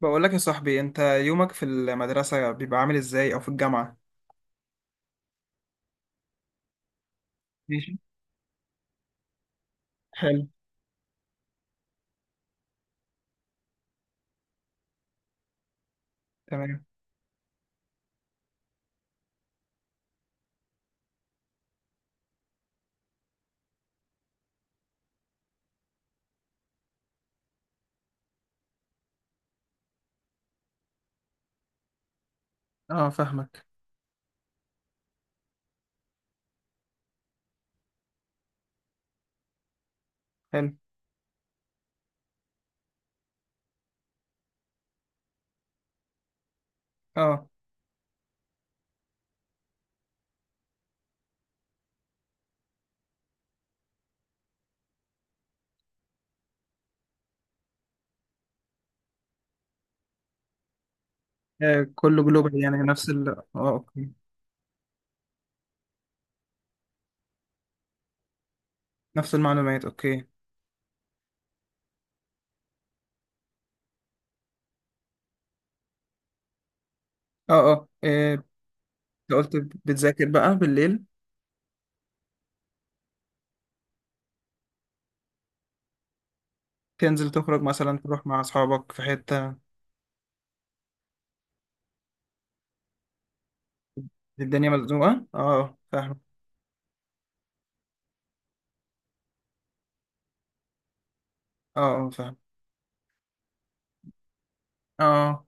بقول لك يا صاحبي، انت يومك في المدرسة بيبقى عامل ازاي، او في الجامعة؟ ماشي. حلو. تمام. اه، فاهمك. حلو. اه كله جلوبال، يعني نفس ال اه اوكي. نفس المعلومات، اوكي. انت قلت بتذاكر بقى بالليل؟ تنزل تخرج مثلا، تروح مع اصحابك في حتة؟ الدنيا مزنوقة، اه فاهم. اه اه فاهم. اه،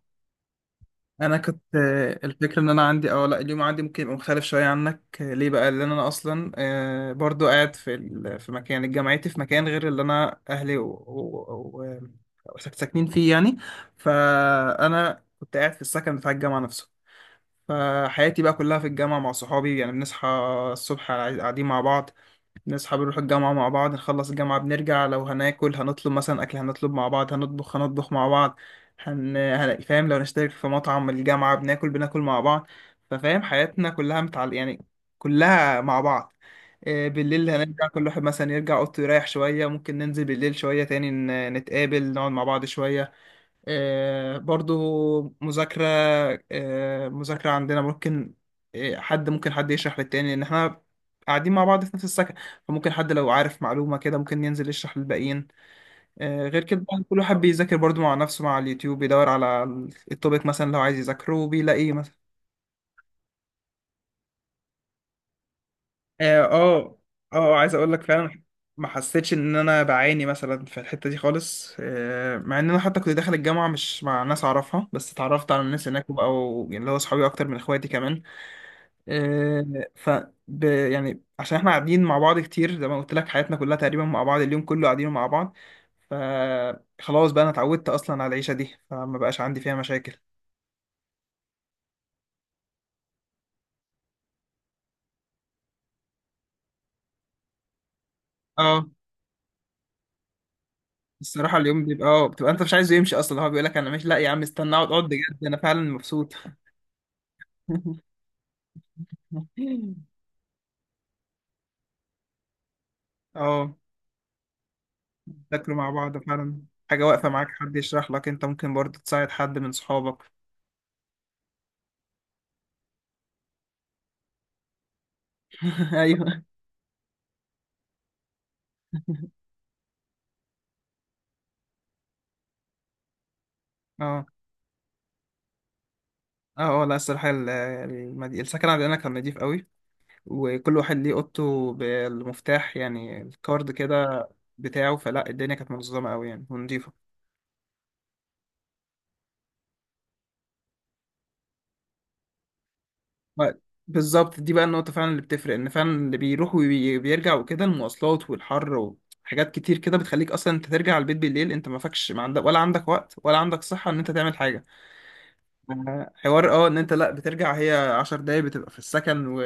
انا كنت، الفكره ان انا عندي او لا، اليوم عندي ممكن يبقى مختلف شويه عنك. ليه بقى؟ لان انا اصلا، برضو قاعد في مكان جامعتي، في مكان غير اللي انا اهلي ساكنين فيه يعني. فانا كنت قاعد في السكن بتاع الجامعه نفسه. فحياتي بقى كلها في الجامعه مع صحابي، يعني بنصحى الصبح قاعدين مع بعض، نصحى بنروح الجامعة مع بعض، نخلص الجامعة بنرجع، لو هناكل هنطلب مثلا أكل، هنطلب مع بعض، هنطبخ هنطبخ مع بعض. فاهم، لو نشترك في مطعم الجامعة بناكل بناكل مع بعض. ففاهم حياتنا كلها يعني كلها مع بعض. بالليل هنرجع كل واحد مثلا يرجع أوضته يريح شوية، ممكن ننزل بالليل شوية تاني نتقابل، نقعد مع بعض شوية. برضو مذاكرة. مذاكرة عندنا ممكن، حد ممكن يشرح للتاني، ان احنا قاعدين مع بعض في نفس السكن، فممكن حد لو عارف معلومة كده ممكن ينزل يشرح للباقيين. غير كده بقى كل واحد بيذاكر برضو مع نفسه، مع اليوتيوب بيدور على التوبيك مثلا، لو عايز يذاكره بيلاقيه. اه اه، عايز اقول لك فعلا ما حسيتش ان انا بعاني مثلا في الحته دي خالص، مع ان انا حتى كنت داخل الجامعه مش مع ناس اعرفها، بس اتعرفت على الناس هناك، او اللي هو صحابي اكتر من اخواتي كمان. آه، ف يعني عشان احنا قاعدين مع بعض كتير، زي ما قلت لك، حياتنا كلها تقريبا مع بعض، اليوم كله قاعدين مع بعض. فخلاص بقى انا اتعودت اصلا على العيشه دي، فما بقاش عندي فيها مشاكل. اه، الصراحه اليوم بيبقى، اه بتبقى انت مش عايزه يمشي اصلا، هو بيقول لك انا ماشي، لا يا عم استنى اقعد اقعد، بجد انا فعلا مبسوط. اه. تاكلوا مع بعض فعلا، حاجة واقفة معاك حد يشرح لك، انت ممكن برضه تساعد حد من صحابك. ايوه، اه اه اه، لا الصراحة السكن عندنا كان نضيف قوي، وكل واحد ليه اوضته بالمفتاح يعني الكارد كده بتاعه. فلا الدنيا كانت منظمة قوي يعني، ونضيفة. ما- بالظبط، دي بقى النقطة فعلا اللي بتفرق، ان فعلا اللي بيروح وبيرجع وكده، المواصلات والحر وحاجات كتير كده، بتخليك اصلا انت ترجع البيت بالليل انت ما فكش، ما عندك، ولا عندك وقت، ولا عندك صحة ان انت تعمل حاجة. حوار، اه ان انت لا بترجع، هي عشر دقايق بتبقى في السكن، و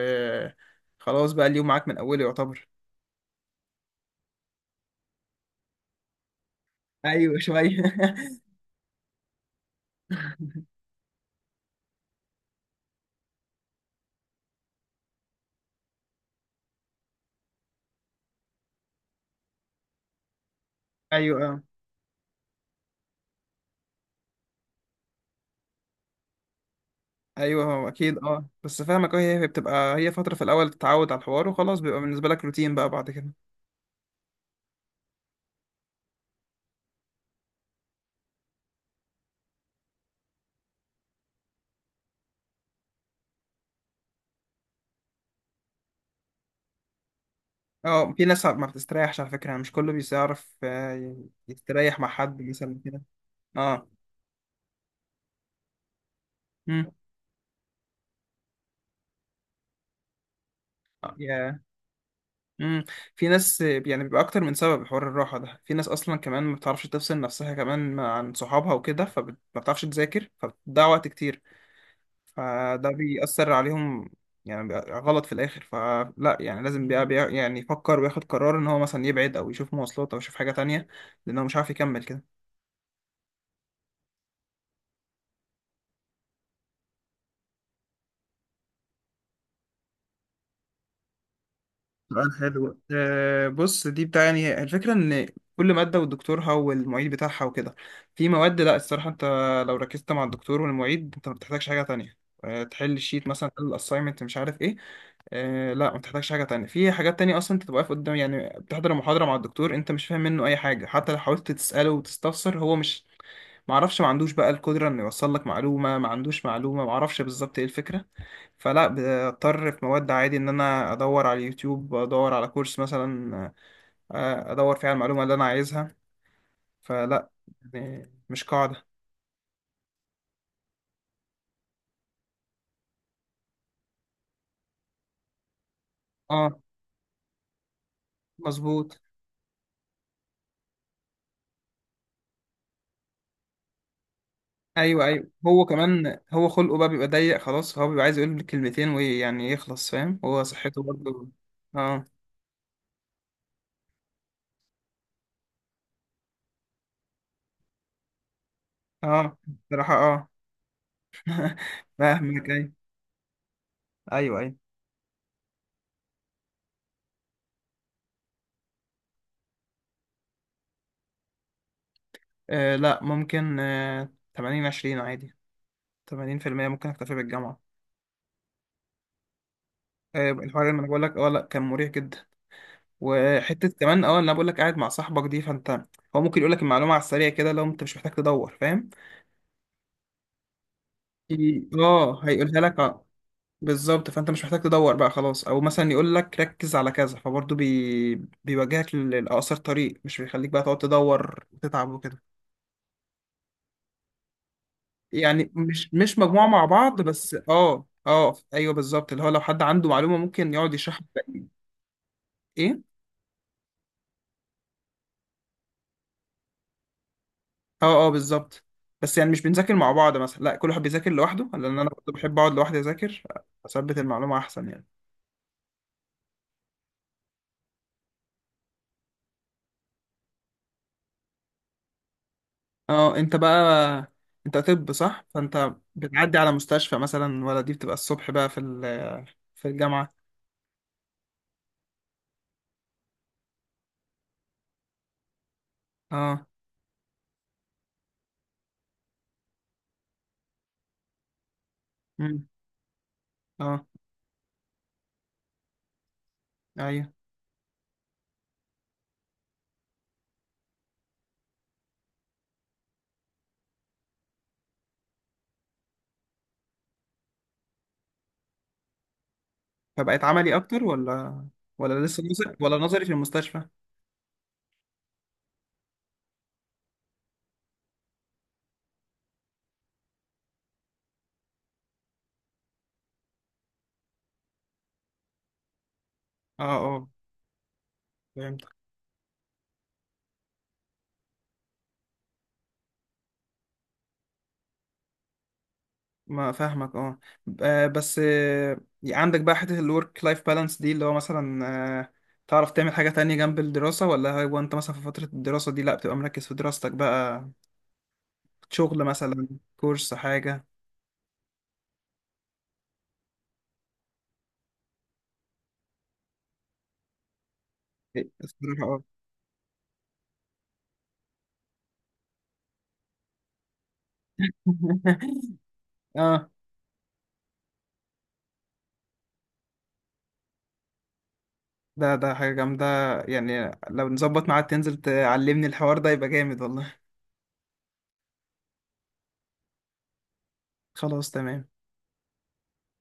خلاص بقى اليوم معاك من اوله يعتبر. ايوه شوية. ايوه اه. ايوه هو اكيد، اه بس فاهمك. اه، هي بتبقى، هي فترة في الاول تتعود على الحوار، وخلاص بيبقى بالنسبة لك روتين بقى بعد كده. اه، في ناس ما بتستريحش على فكرة يعني، مش كله بيعرف يستريح مع حد مثلا كده. اه. امم. يا، امم، في ناس يعني بيبقى اكتر من سبب، حوار الراحة ده، في ناس اصلا كمان ما بتعرفش تفصل نفسها كمان عن صحابها وكده، فما بتعرفش تذاكر، فبتضيع وقت كتير، فده بيأثر عليهم. يعني بيبقى غلط في الاخر، فلا يعني لازم يعني يفكر وياخد قرار، ان هو مثلا يبعد او يشوف مواصلات او يشوف حاجة تانية، لانه مش عارف يكمل كده. سؤال حلو. بص، دي بتاع يعني الفكرة، إن كل مادة ودكتورها والمعيد بتاعها وكده. في مواد لأ، الصراحة أنت لو ركزت مع الدكتور والمعيد أنت ما بتحتاجش حاجة تانية، تحل الشيت مثلا، تحل الأسايمنت، مش عارف إيه. لأ، ما بتحتاجش حاجة تانية. في حاجات تانية أصلا أنت تبقى واقف قدام، يعني بتحضر محاضرة مع الدكتور أنت مش فاهم منه أي حاجة، حتى لو حاولت تسأله وتستفسر هو مش، ما اعرفش ما عندوش بقى القدرة انه يوصل لك معلومة، ما عندوش معلومة، ما اعرفش بالظبط ايه الفكرة. فلا بضطر في مواد عادي ان انا ادور على اليوتيوب، ادور على كورس مثلا، ادور فيه على المعلومة اللي انا عايزها. فلا، يعني مش قاعدة. اه، مظبوط. ايوه ايوه، هو كمان هو خلقه بقى بيبقى ضيق، خلاص هو بيبقى عايز يقول كلمتين ويعني يخلص، فاهم، هو صحته برضه. اه. اه بصراحة، اه. فاهمك، ايوه ايوه ايوه، آه لا ممكن، 80 20 عادي. 80% ممكن اكتفي بالجامعة. الحوار، لما انا بقول لك اه لا، كان مريح جدا. وحتة كمان، اه اللي انا بقول لك قاعد مع صاحبك دي، فانت هو ممكن يقول لك المعلومة على السريع كده، لو انت مش محتاج تدور، فاهم؟ اه، هيقولها لك، اه بالظبط. فانت مش محتاج تدور بقى خلاص، او مثلا يقول لك ركز على كذا، فبرضه بيوجهك لأقصر طريق، مش بيخليك بقى تقعد تدور وتتعب وكده. يعني مش مجموعة مع بعض بس، اه اه ايوه بالظبط، اللي هو لو حد عنده معلومة ممكن يقعد يشرح لك. ايه، اه اه بالظبط. بس يعني مش بنذاكر مع بعض مثلا، لا، كل واحد بيذاكر لوحده، لان انا برضه بحب اقعد لوحدي اذاكر، اثبت المعلومه احسن يعني. اه، انت بقى انت، طب صح، فانت بتعدي على مستشفى مثلا، ولا دي بتبقى الصبح بقى في الجامعه؟ اه. امم. اه. ايوه، فبقت عملي اكتر، ولا ولا لسه نظري، ولا نظري في المستشفى؟ اه. اه ما فاهمك، اه. بس عندك بقى حتة الورك لايف بالانس دي، اللي هو مثلا آه، تعرف تعمل حاجة تانية جنب الدراسة، ولا هو انت مثلا في فترة الدراسة دي لا بتبقى مركز في دراستك بقى؟ شغل مثلا، كورس، حاجة؟ إيه، الصراحة اه. اه، ده حاجة جامدة، يعني لو نظبط معاك تنزل تعلمني الحوار ده يبقى جامد والله. خلاص، تمام.